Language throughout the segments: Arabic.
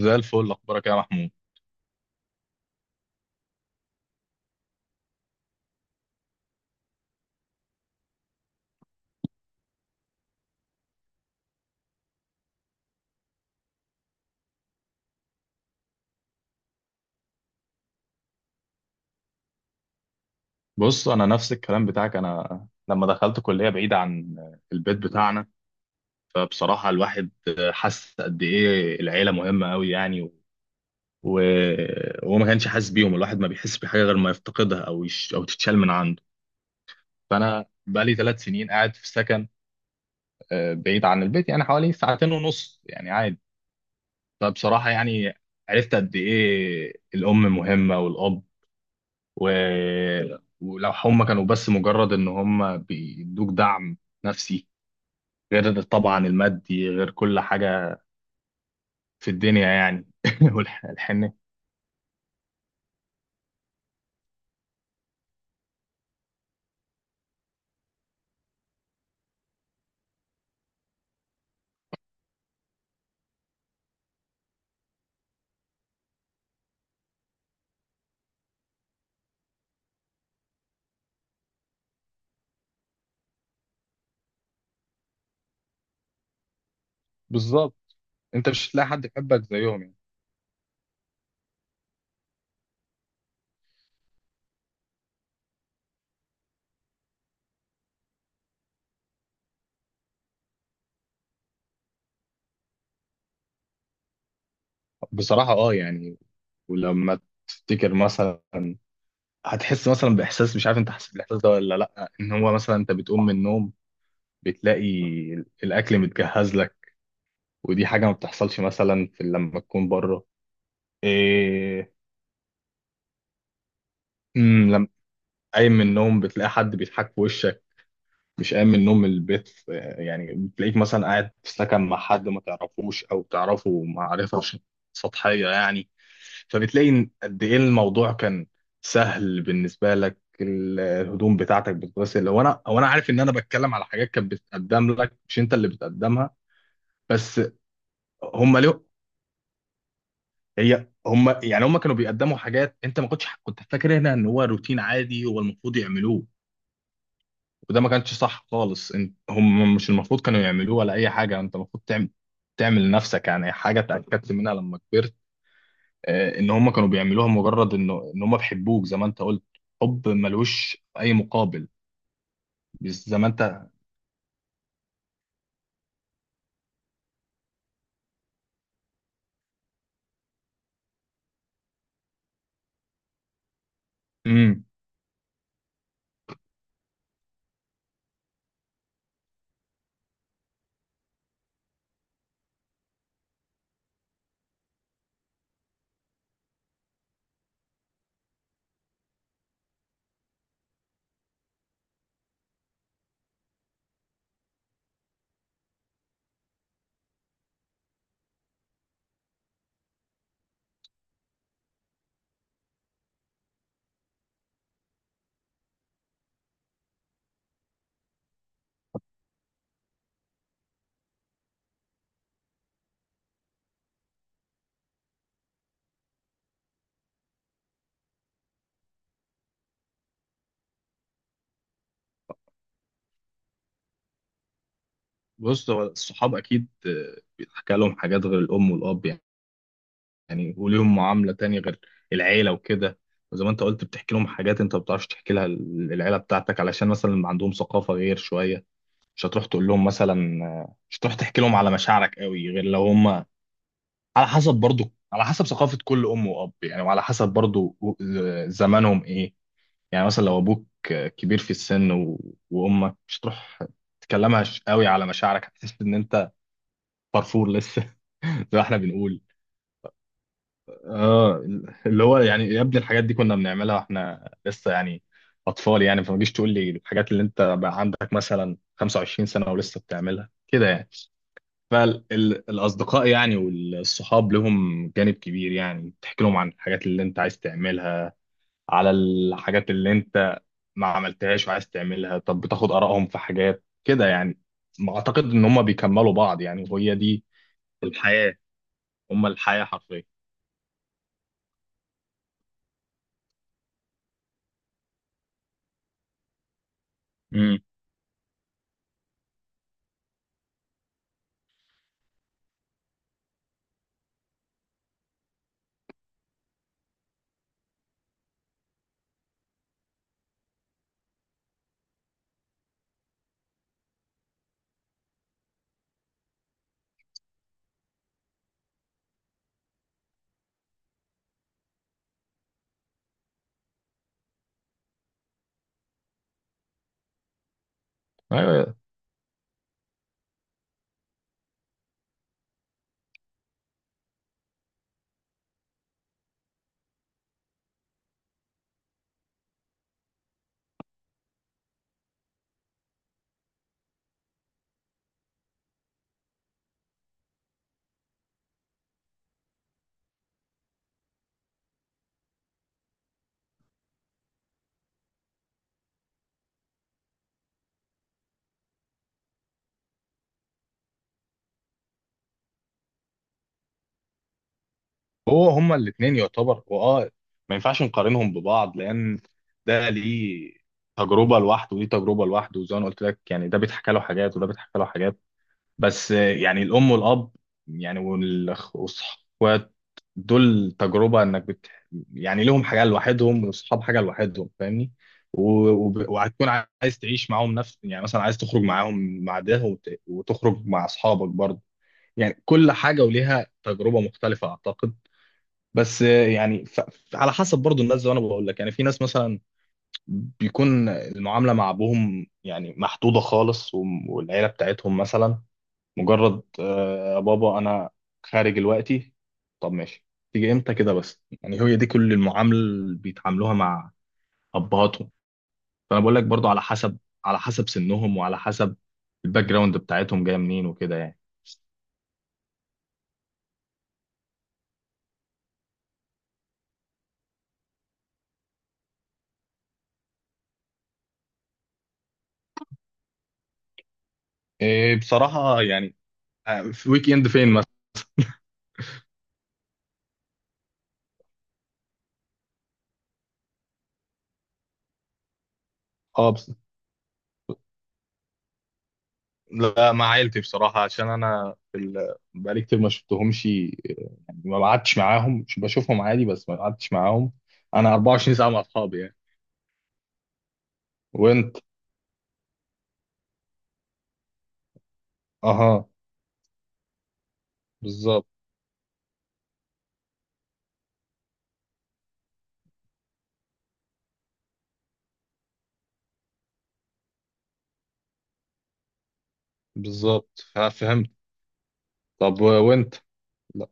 زي الفل. اخبارك إيه يا محمود؟ بص، انا نفس الكلام بتاعك. انا لما دخلت كليه بعيده عن البيت بتاعنا، فبصراحه الواحد حس قد ايه العيله مهمه قوي يعني. وهو ما كانش حاسس بيهم. الواحد ما بيحس بحاجه غير ما يفتقدها، او او تتشال من عنده. فانا بقالي 3 سنين قاعد في سكن، بعيد عن البيت، يعني حوالي ساعتين ونص، يعني عادي. فبصراحه يعني عرفت قد ايه الام مهمه والاب. و... ولو هم كانوا بس مجرد ان هم بيدوك دعم نفسي، غير طبعا المادي، غير كل حاجة في الدنيا يعني. والحنة. بالظبط، انت مش هتلاقي حد يحبك زيهم يعني. بصراحة اه يعني. ولما تفتكر مثلا، هتحس مثلا باحساس. مش عارف انت حسيت بالاحساس ده ولا لا؟ ان هو مثلا انت بتقوم من النوم، بتلاقي الاكل متجهز لك، ودي حاجة ما بتحصلش مثلا في لما تكون بره. إيه، قايم من النوم بتلاقي حد بيضحك في وشك. مش قايم من النوم من البيت، يعني بتلاقيك مثلا قاعد في سكن مع حد ما تعرفوش او تعرفه معرفة سطحية يعني. فبتلاقي إن قد ايه الموضوع كان سهل بالنسبة لك. الهدوم بتاعتك بتتغسل. هو انا عارف ان انا بتكلم على حاجات كانت بتتقدم لك، مش انت اللي بتقدمها بس. هم ليه؟ هي هم، يعني هم كانوا بيقدموا حاجات انت ما كنتش كنت فاكر هنا ان هو روتين عادي هو المفروض يعملوه. وده ما كانش صح خالص. انت هم مش المفروض كانوا يعملوه ولا اي حاجه، انت المفروض تعمل لنفسك. يعني حاجه اتاكدت منها لما كبرت، ان هم كانوا بيعملوها مجرد انه ان هم بيحبوك زي ما انت قلت. حب ملوش اي مقابل. بس زي ما انت. امم. بص، هو الصحاب اكيد بيتحكى لهم حاجات غير الام والاب يعني. يعني وليهم معامله تانية غير العيله وكده. وزي ما انت قلت، بتحكي لهم حاجات انت ما بتعرفش تحكي لها العيله بتاعتك، علشان مثلا عندهم ثقافه غير شويه. مش هتروح تقول لهم مثلا. مش هتروح تحكي لهم على مشاعرك قوي غير لو هم. على حسب برضو على حسب ثقافة كل أم وأب يعني، وعلى حسب برضو زمانهم إيه. يعني مثلا لو أبوك كبير في السن وأمك، مش هتروح تكلمها قوي على مشاعرك. هتحس إن أنت فرفور لسه. زي ما إحنا بنقول. آه. اللي هو يعني يا ابني الحاجات دي كنا بنعملها وإحنا لسه يعني أطفال. يعني فما تجيش تقول لي الحاجات اللي أنت بقى عندك مثلا 25 سنة ولسه بتعملها كده يعني. فالأصدقاء يعني والصحاب لهم جانب كبير يعني. تحكي لهم عن الحاجات اللي انت عايز تعملها، على الحاجات اللي انت ما عملتهاش وعايز تعملها. طب بتاخد آرائهم في حاجات كده يعني. ما أعتقد إن هم بيكملوا بعض يعني، وهي دي الحياة. هم الحياة حرفيا. امم. ايوه. هو هم الاتنين يعتبر ما ينفعش نقارنهم ببعض، لأن ده ليه تجربة لوحده ودي تجربة لوحده. وزي ما أنا قلت لك يعني، ده بيتحكى له حاجات وده بيتحكى له حاجات. بس يعني الأم والأب يعني، والأخوات، دول تجربة إنك يعني لهم حاجة لوحدهم والصحاب حاجة لوحدهم، فاهمني. و... وهتكون عايز تعيش معاهم نفس، يعني مثلا عايز تخرج معاهم مع ده، وتخرج مع أصحابك برضه. يعني كل حاجة وليها تجربة مختلفة أعتقد. بس يعني على حسب برضه الناس. زي ما أنا بقول لك يعني في ناس مثلا بيكون المعاملة مع أبوهم يعني محدودة خالص، والعيلة بتاعتهم مثلا مجرد يا بابا، انا خارج دلوقتي. طب ماشي، تيجي امتى كده. بس يعني هي دي كل المعامله اللي بيتعاملوها مع ابهاتهم. فانا بقول لك برضو على حسب سنهم، وعلى حسب الباك جراوند بتاعتهم جايه منين وكده يعني. إيه بصراحه يعني. في ويك اند فين مثلا؟ اه بس لا، مع عيلتي بصراحه. عشان انا في بقالي كتير ما شفتهمش. يعني ما قعدتش معاهم. مش بشوفهم عادي بس ما قعدتش معاهم. انا 24 ساعه مع اصحابي يعني. وانت. اها. بالظبط، بالظبط، فهمت. طب وانت. لا،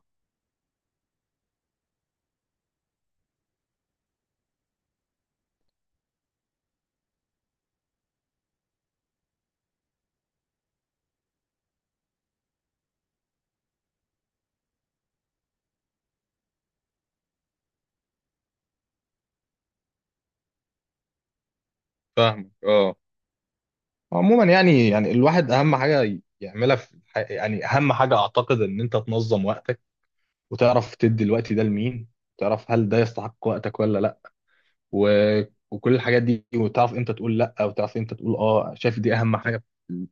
فاهمك اه. عموما يعني الواحد اهم حاجه يعملها في يعني اهم حاجه اعتقد ان انت تنظم وقتك، وتعرف تدي الوقت ده لمين، تعرف هل ده يستحق وقتك ولا لا. و... وكل الحاجات دي. وتعرف امتى تقول لا، وتعرف امتى تقول اه. شايف دي اهم حاجه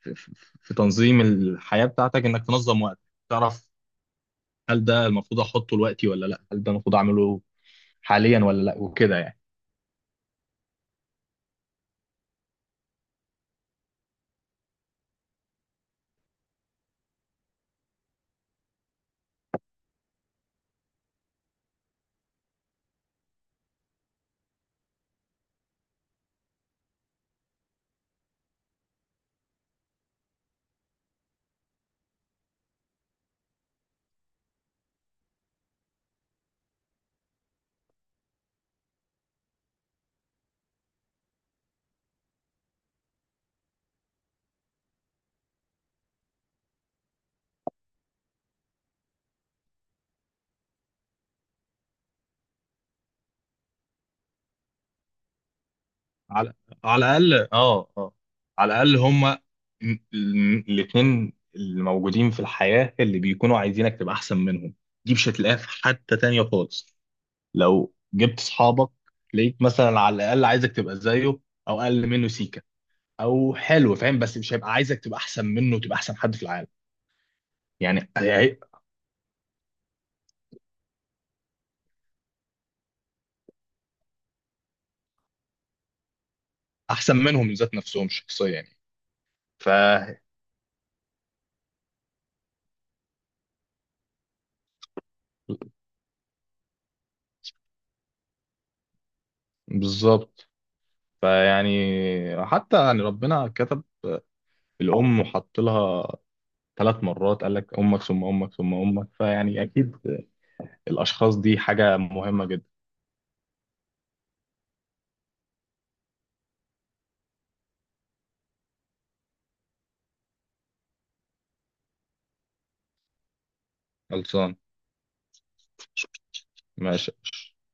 في, في في تنظيم الحياه بتاعتك، انك تنظم وقتك. تعرف هل ده المفروض احطه لوقتي ولا لا؟ هل ده المفروض اعمله حاليا ولا لا، وكده يعني. على على الاقل اه، اه، على الاقل هما الاتنين الموجودين في الحياه اللي بيكونوا عايزينك تبقى احسن منهم. دي مش هتلاقيها في حته تانية خالص. لو جبت صحابك لقيت مثلا على الاقل عايزك تبقى زيه، او اقل منه سيكه او حلو فاهم. بس مش هيبقى عايزك تبقى احسن منه وتبقى احسن حد في العالم. يعني احسن منهم من ذات نفسهم شخصيا يعني. ف بالظبط. فيعني حتى يعني ربنا كتب الأم وحط لها 3 مرات. قال لك امك ثم امك ثم امك. فيعني اكيد الاشخاص دي حاجه مهمه جدا. خلصان. ماشي.